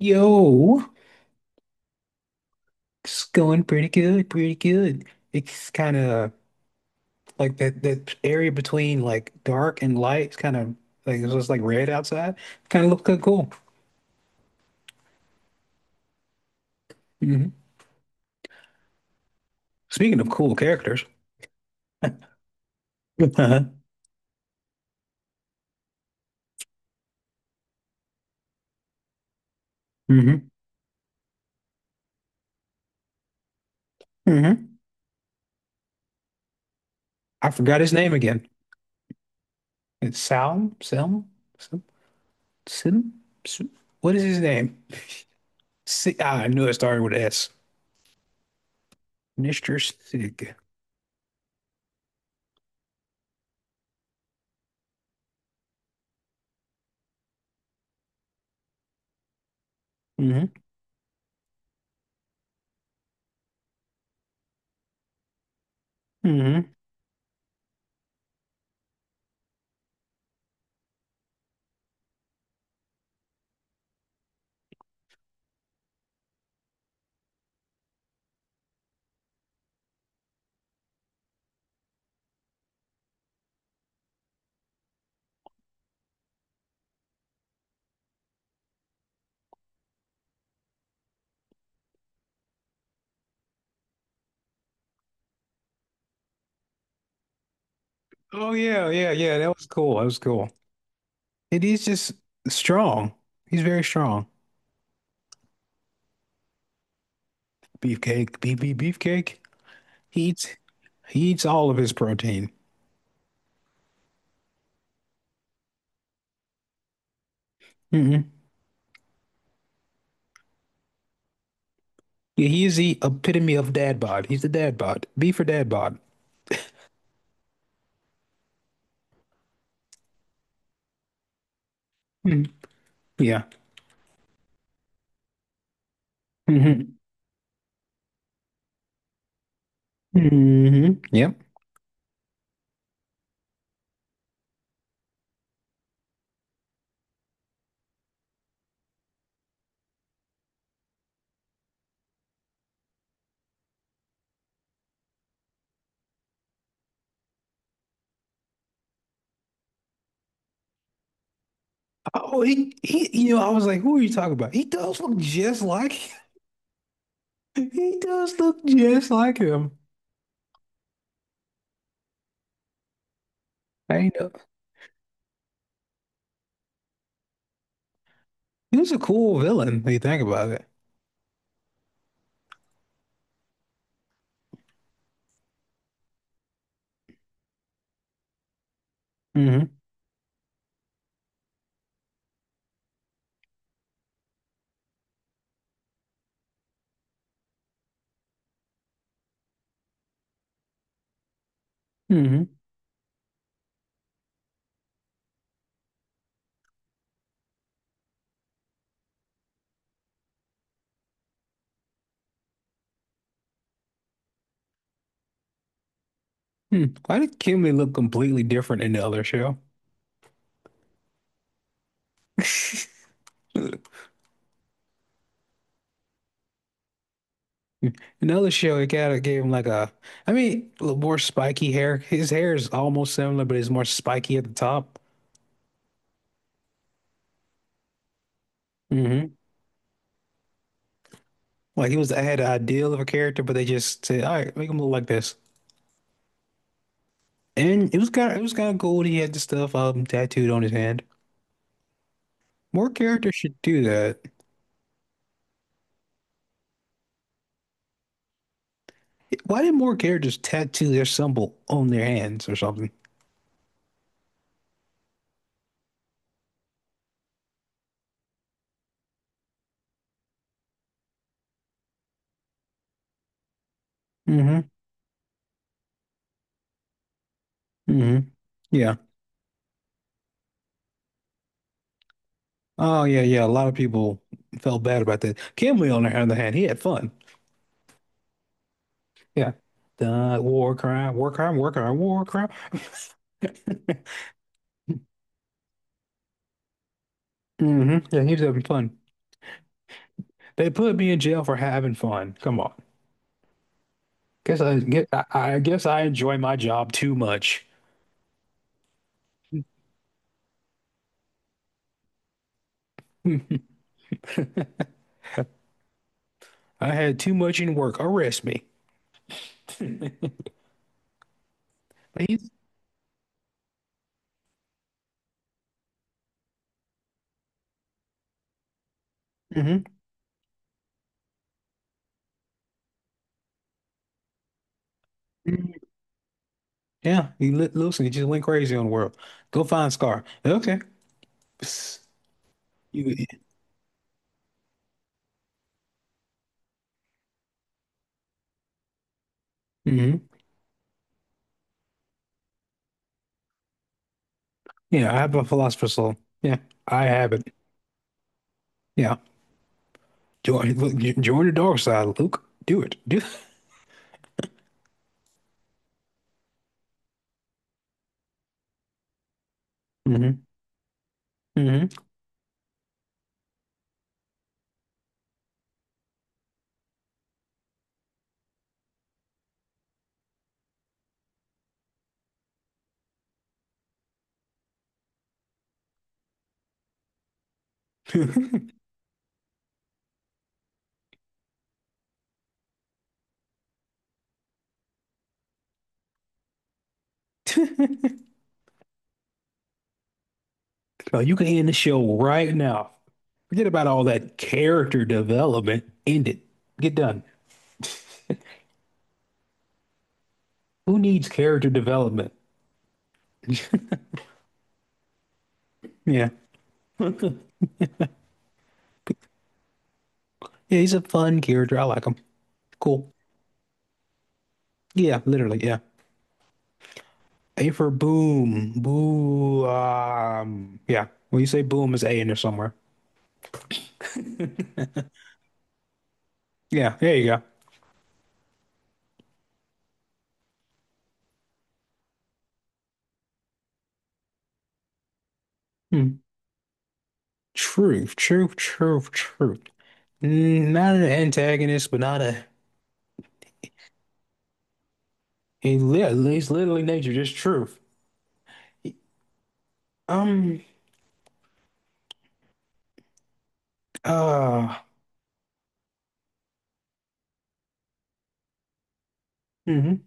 Yo, it's going pretty good, pretty good. It's kind of like that area between like dark and light. It's kind of like it's just like red outside. Kind of look kinda cool. hmm Speaking of cool characters, uh-huh. hmm hmm I forgot his name again. It's Salm, Selm, Sim, Sim. Sim- What is his name? Si ah, I knew it started with S. Mr. Sig. Hmm hmm Oh yeah, yeah, yeah. That was cool. That was cool. It is just strong. He's very strong. Beefcake, beef, beef, beefcake. He eats, he eats all of his protein. Hmm Yeah, he is the epitome of dad bod. He's the dad bod. Beef or dad bod. Mm. Yeah. hmm hmm Yep. Oh, he I was like, who are you talking about? He does look just like, he does look just like him. I know. He was a cool villain, if you think about it. Hmm. hmm Hmm. Why did Kimmy look completely different in the other show? Another show, it kind of gave him like a, I mean, a little more spiky hair. His hair is almost similar, but it's more spiky at the top. Hmm Like he was, I had an ideal of a character, but they just said, all right, make him look like this. And it was kind of cool. that He had the stuff tattooed on his hand. More characters should do that. Why did more characters tattoo their symbol on their hands or something? Hmm hmm Yeah. Oh yeah, yeah. A lot of people felt bad about that. Kimberly, on the other hand, he had fun. Yeah. The war crime, war crime, war crime, war crime. hmm Yeah, he was having fun. They put me in jail for having fun. Come on. Guess I get I guess I enjoy my job too much. I had too much in work. Arrest me. Please. Hmm Yeah, he li listen, he just went crazy on the world. Go find Scar. Okay. Psst. You, hmm Yeah, I have a philosopher's soul. Yeah, I have it. Yeah. Look, join the dark side, Luke. Do it. Do Mm-hmm. Mm-hmm. So you can end the show right now. Forget about all that character development. End it. Get done. Who needs character development? Yeah. Yeah, he's a fun character. I like him. Cool. Yeah, literally, yeah. A for boom. Boo Yeah. When you say boom, it's A in there somewhere. Yeah, there you go. Hmm. Truth, truth, truth, truth. Not an antagonist, but not a. He literally, it's literally nature, just truth. Um, uh, hmm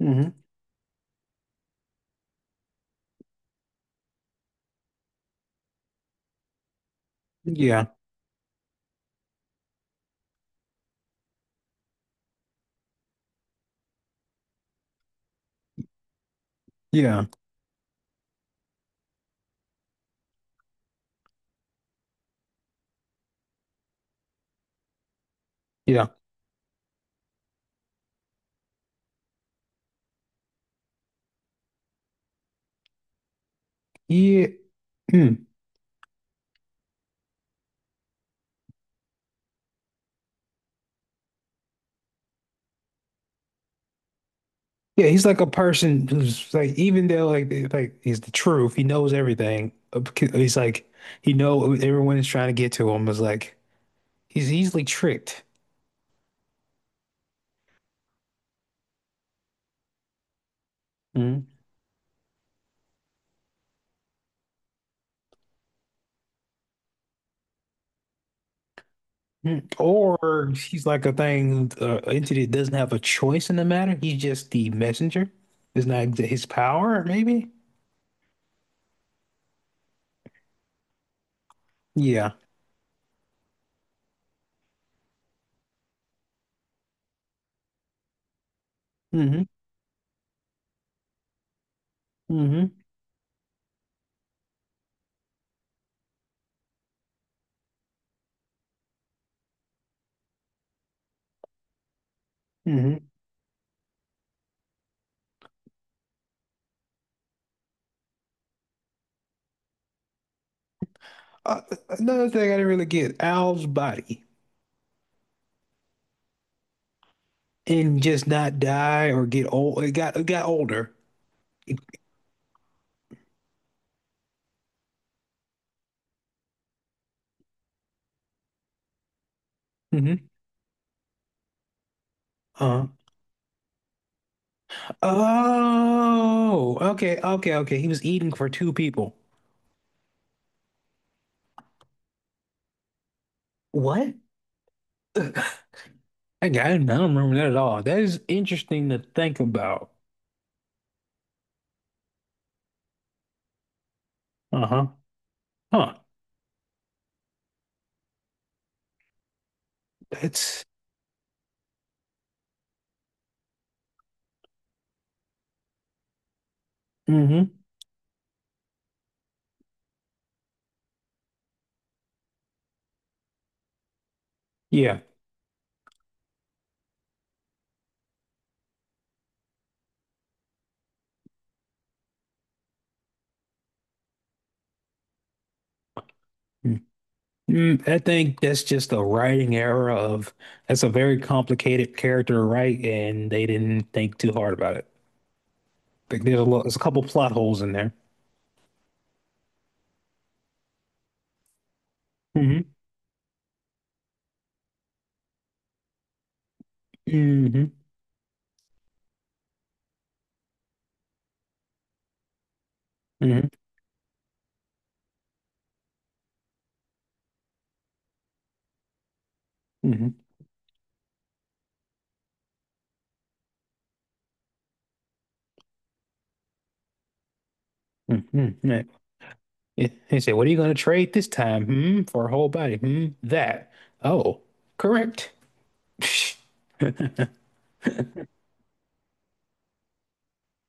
hmm Yeah, yeah, yeah, yeah, mm. Yeah, he's like a person who's like, even though like, like he's the truth, he knows everything. He's like, he know everyone is trying to get to him is like, he's easily tricked. Mm. Mm. Or he's like a thing, entity that doesn't have a choice in the matter. He's just the messenger. It's not his power, maybe. Yeah. hmm hmm hmm Uh, another thing I didn't really get, Al's body and just not die or get old. It got older. Hmm Uh, oh, okay, okay, okay. He was eating for two people. What? Ugh, I got it. I don't remember that at all. That is interesting to think about. Uh-huh. Huh. That's. Hmm Yeah. Mm. I think that's just a writing error of that's a very complicated character to write, and they didn't think too hard about it. Like there's a couple plot holes in there. Mm-hmm. Mm-hmm. Mm-hmm. Mm-hmm. Mm-hmm. Yeah. Yeah. He said, "What are you going to trade this time? Hmm, for a whole body? Hmm, that? Oh, correct.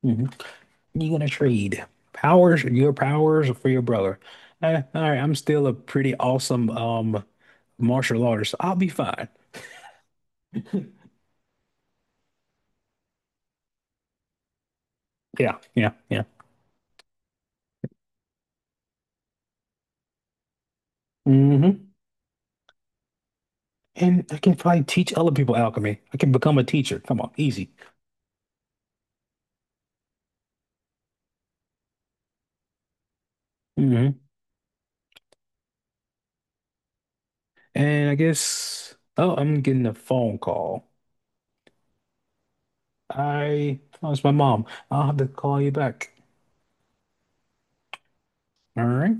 Mm-hmm. You're going to trade powers, your powers, for your brother. All right, I'm still a pretty awesome martial artist. So I'll be fine. Yeah, yeah, yeah. Mm-hmm. And I can probably teach other people alchemy. I can become a teacher. Come on, easy. Mm-hmm. And I guess, oh, I'm getting a phone call. Oh, it's my mom. I'll have to call you back. All right.